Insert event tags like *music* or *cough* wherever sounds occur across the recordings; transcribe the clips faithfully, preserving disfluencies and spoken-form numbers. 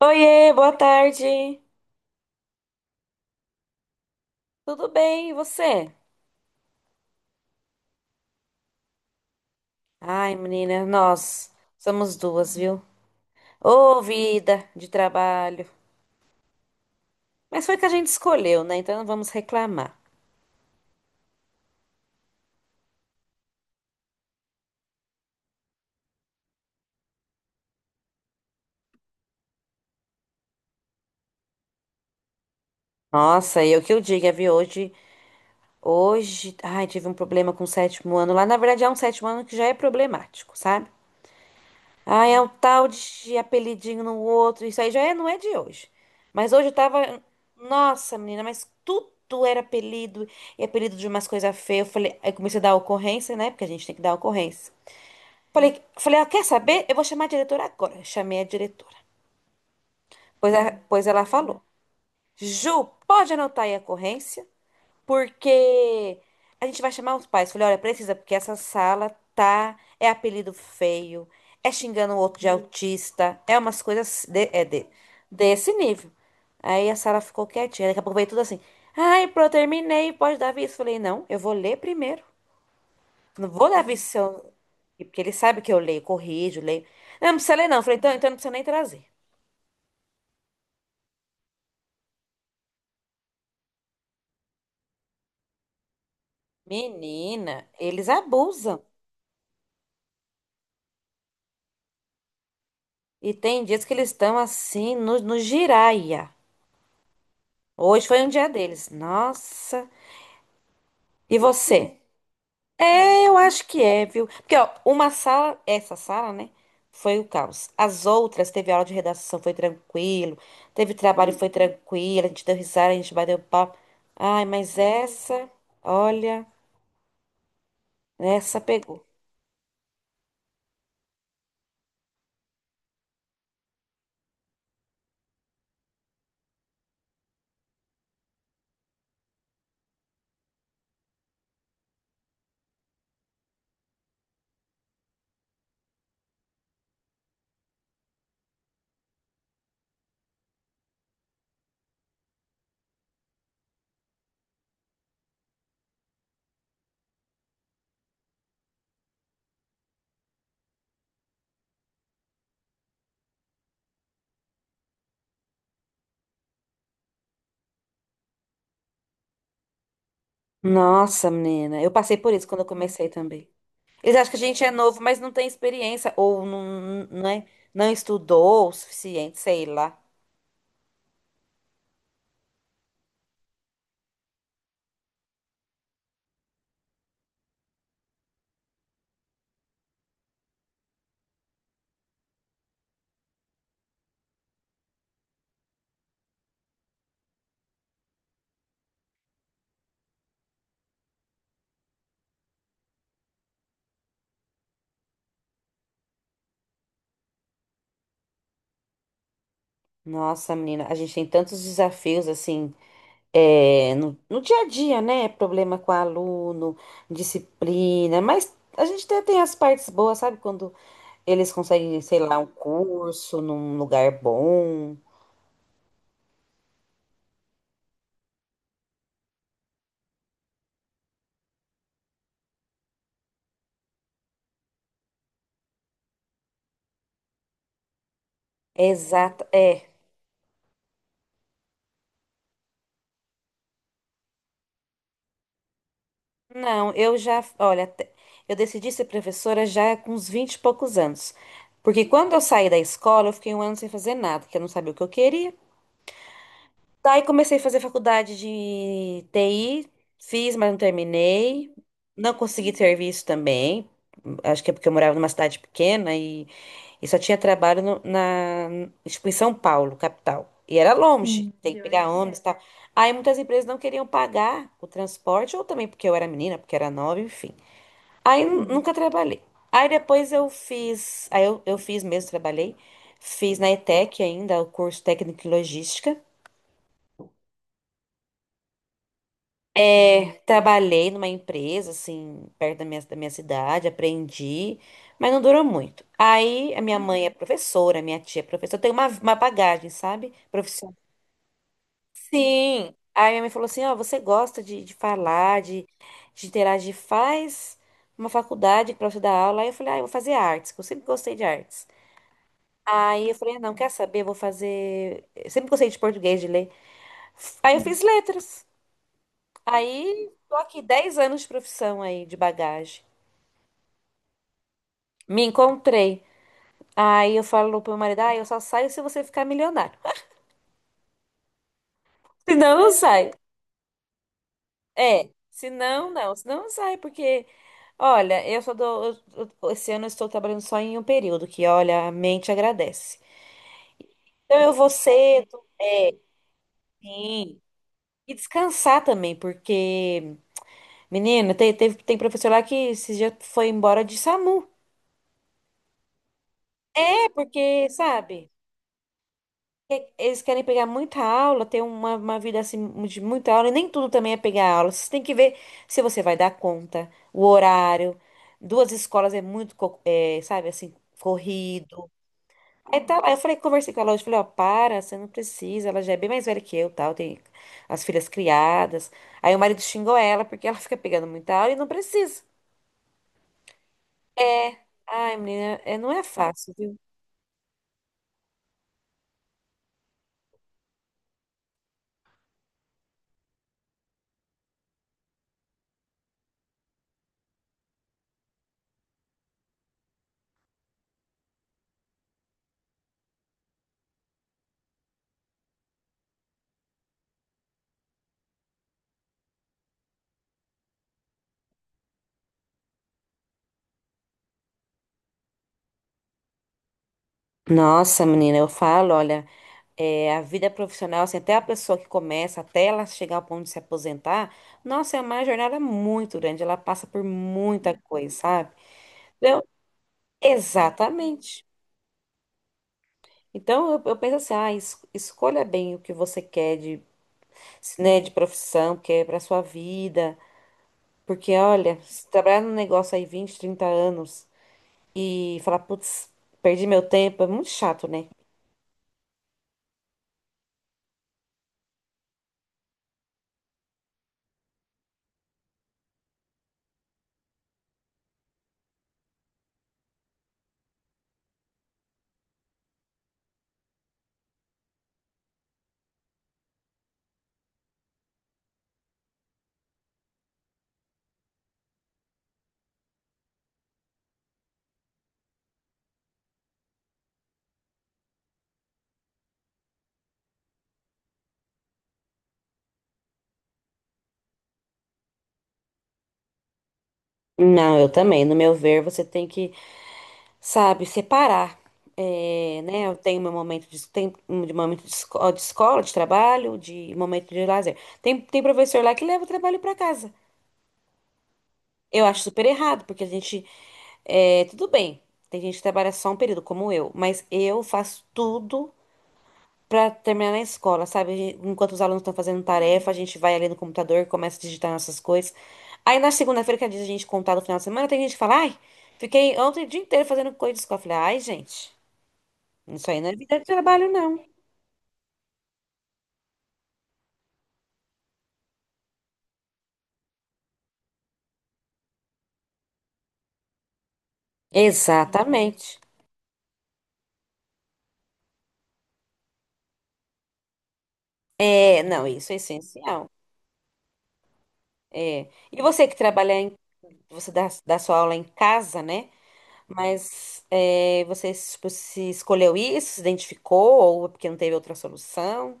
Oiê, boa tarde. Tudo bem, e você? Ai, menina, nós somos duas, viu? Ô, vida de trabalho. Mas foi que a gente escolheu, né? Então não vamos reclamar. Nossa, e o que eu diga, viu? Hoje, hoje, ai, tive um problema com o sétimo ano lá. Na verdade, é um sétimo ano que já é problemático, sabe? Ah, é um tal de apelidinho no outro. Isso aí já é- não é de hoje. Mas hoje eu tava. Nossa, menina, mas tudo era apelido. E apelido de umas coisas feias. Eu falei, aí comecei a dar ocorrência, né? Porque a gente tem que dar ocorrência. Falei, falei, ah, quer saber? Eu vou chamar a diretora agora. Chamei a diretora. Pois, a- pois ela falou: Ju, pode anotar aí a ocorrência? Porque a gente vai chamar os pais. Falei, olha, precisa, porque essa sala tá. É apelido feio, é xingando o outro de autista, é umas coisas de- é de- desse nível. Aí a sala ficou quietinha. Daqui a pouco veio tudo assim. Ai, pronto, terminei, pode dar aviso. Falei, não, eu vou ler primeiro. Não vou dar aviso se eu... Porque ele sabe que eu leio, corrijo, leio. Não, não precisa ler, não. Falei, então, então não precisa nem trazer. Menina, eles abusam. E tem dias que eles estão assim, no, no giraia. Hoje foi um dia deles. Nossa. E você? É, eu acho que é, viu? Porque, ó, uma sala, essa sala, né? Foi o caos. As outras, teve aula de redação, foi tranquilo. Teve trabalho, foi tranquilo. A gente deu risada, a gente bateu papo. Ai, mas essa, olha, essa pegou. Nossa, menina, eu passei por isso quando eu comecei também. Eles acham que a gente é novo, mas não tem experiência, ou não, não, é, não estudou o suficiente, sei lá. Nossa, menina, a gente tem tantos desafios assim, é, no, no dia a dia, né? Problema com aluno, disciplina, mas a gente até tem as partes boas, sabe? Quando eles conseguem, sei lá, um curso num lugar bom. Exato, é. Não, eu já, olha, até- eu decidi ser professora já com uns vinte e poucos anos. Porque quando eu saí da escola, eu fiquei um ano sem fazer nada, porque eu não sabia o que eu queria. Daí comecei a fazer faculdade de T I, fiz, mas não terminei. Não consegui serviço também. Acho que é porque eu morava numa cidade pequena e, e só tinha trabalho no- na, tipo, em São Paulo, capital. E era longe. Sim, tem que pegar, imagino, ônibus e tal. Aí muitas empresas não queriam pagar o transporte, ou também porque eu era menina, porque era nova, enfim. Aí nu- uhum, nunca trabalhei. Aí depois eu fiz, aí eu, eu fiz mesmo, trabalhei. Fiz na ETEC ainda, o curso técnico em logística. É, trabalhei numa empresa, assim, perto da minha, da minha cidade, aprendi, mas não durou muito. Aí a minha mãe é, uhum, professora, minha tia é professora, eu tenho uma, uma bagagem, sabe? Profissional. Sim. Aí minha mãe falou assim: Ó, você gosta de, de falar, de, de interagir, faz uma faculdade pra você dar aula. Aí eu falei: Ah, eu vou fazer artes, que eu sempre gostei de artes. Aí eu falei: ah, não, quer saber? Eu vou fazer. Eu sempre gostei de português, de ler. Aí eu fiz letras. Aí, tô aqui dez anos de profissão aí, de bagagem. Me encontrei. Aí eu falo pro meu marido, ah, eu só saio se você ficar milionário. *laughs* Se não, não sai. É, se não, não. Se não, não sai, porque, olha, eu só dou... eu- eu- esse ano eu estou trabalhando só em um período, que, olha, a mente agradece. Então eu vou cedo, é, sim. E descansar também, porque, menina, tem, teve- tem professor lá que esse dia foi embora de SAMU. É, porque, sabe... E- Eles querem pegar muita aula, ter uma, uma vida assim de muita aula, e nem tudo também é pegar aula. Você tem que ver se você vai dar conta, o horário. Duas escolas é muito, co- é, sabe, assim, corrido. Aí, tá, lá, eu falei, conversei com a Lourdes, falei, ó, para, você não precisa, ela já é bem mais velha que eu, tal, tem as filhas criadas. Aí o marido xingou ela porque ela fica pegando muita aula e não precisa. Ai, menina, é, não é fácil, viu? Nossa, menina, eu falo, olha. É, a vida profissional, assim, até a pessoa que começa, até ela chegar ao ponto de se aposentar, nossa, é uma jornada muito grande, ela passa por muita coisa, sabe? Então, exatamente. Então, eu, eu penso assim, ah, es- escolha bem o que você quer de, né, de profissão, que é para sua vida, porque, olha, se trabalhar num negócio aí vinte trinta anos e falar, putz, perdi meu tempo, é muito chato, né? Não, eu também. No meu ver, você tem que sabe, separar. É, né, eu tenho meu momento de, tem, um de momento de, esco- de escola, de trabalho, de momento de lazer. Tem, tem professor lá que leva o trabalho para casa. Eu acho super errado, porque a gente. É, tudo bem, tem gente que trabalha só um período, como eu, mas eu faço tudo para terminar na escola, sabe? A gente- Enquanto os alunos estão fazendo tarefa, a gente vai ali no computador, começa a digitar nossas coisas. Aí na segunda-feira, que é dia de a gente contar no final de semana, tem gente que fala: ai, fiquei ontem o dia inteiro fazendo coisa de escola. Eu falei: ai, gente. Isso aí não é vida de trabalho, não. Exatamente. É, não, isso é essencial. É. E você que trabalha em, você dá, dá sua aula em casa, né? Mas é, você tipo, se escolheu isso, se identificou, ou é porque não teve outra solução?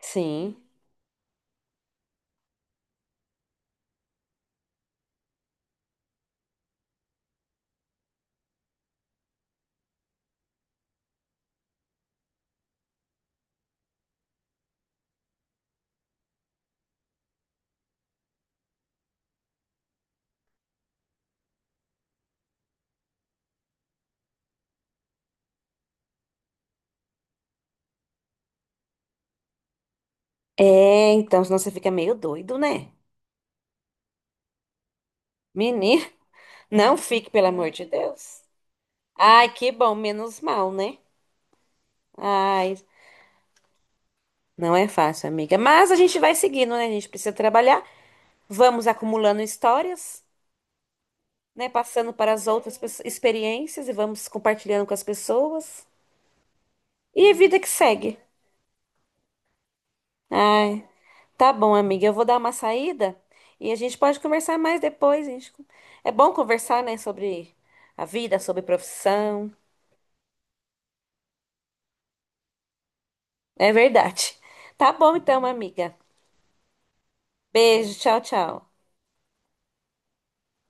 Sim. É, então, senão você fica meio doido, né? Menino, *laughs* não fique, pelo amor de Deus. Ai, que bom, menos mal, né? Ai, não é fácil, amiga. Mas a gente vai seguindo, né? A gente precisa trabalhar. Vamos acumulando histórias, né? Passando para as outras pesso- experiências e vamos compartilhando com as pessoas. E a vida que segue. Ai, tá bom, amiga. Eu vou dar uma saída e a gente pode conversar mais depois. a gente- É bom conversar, né? Sobre a vida, sobre profissão. É verdade. Tá bom então, amiga. Beijo, tchau, tchau.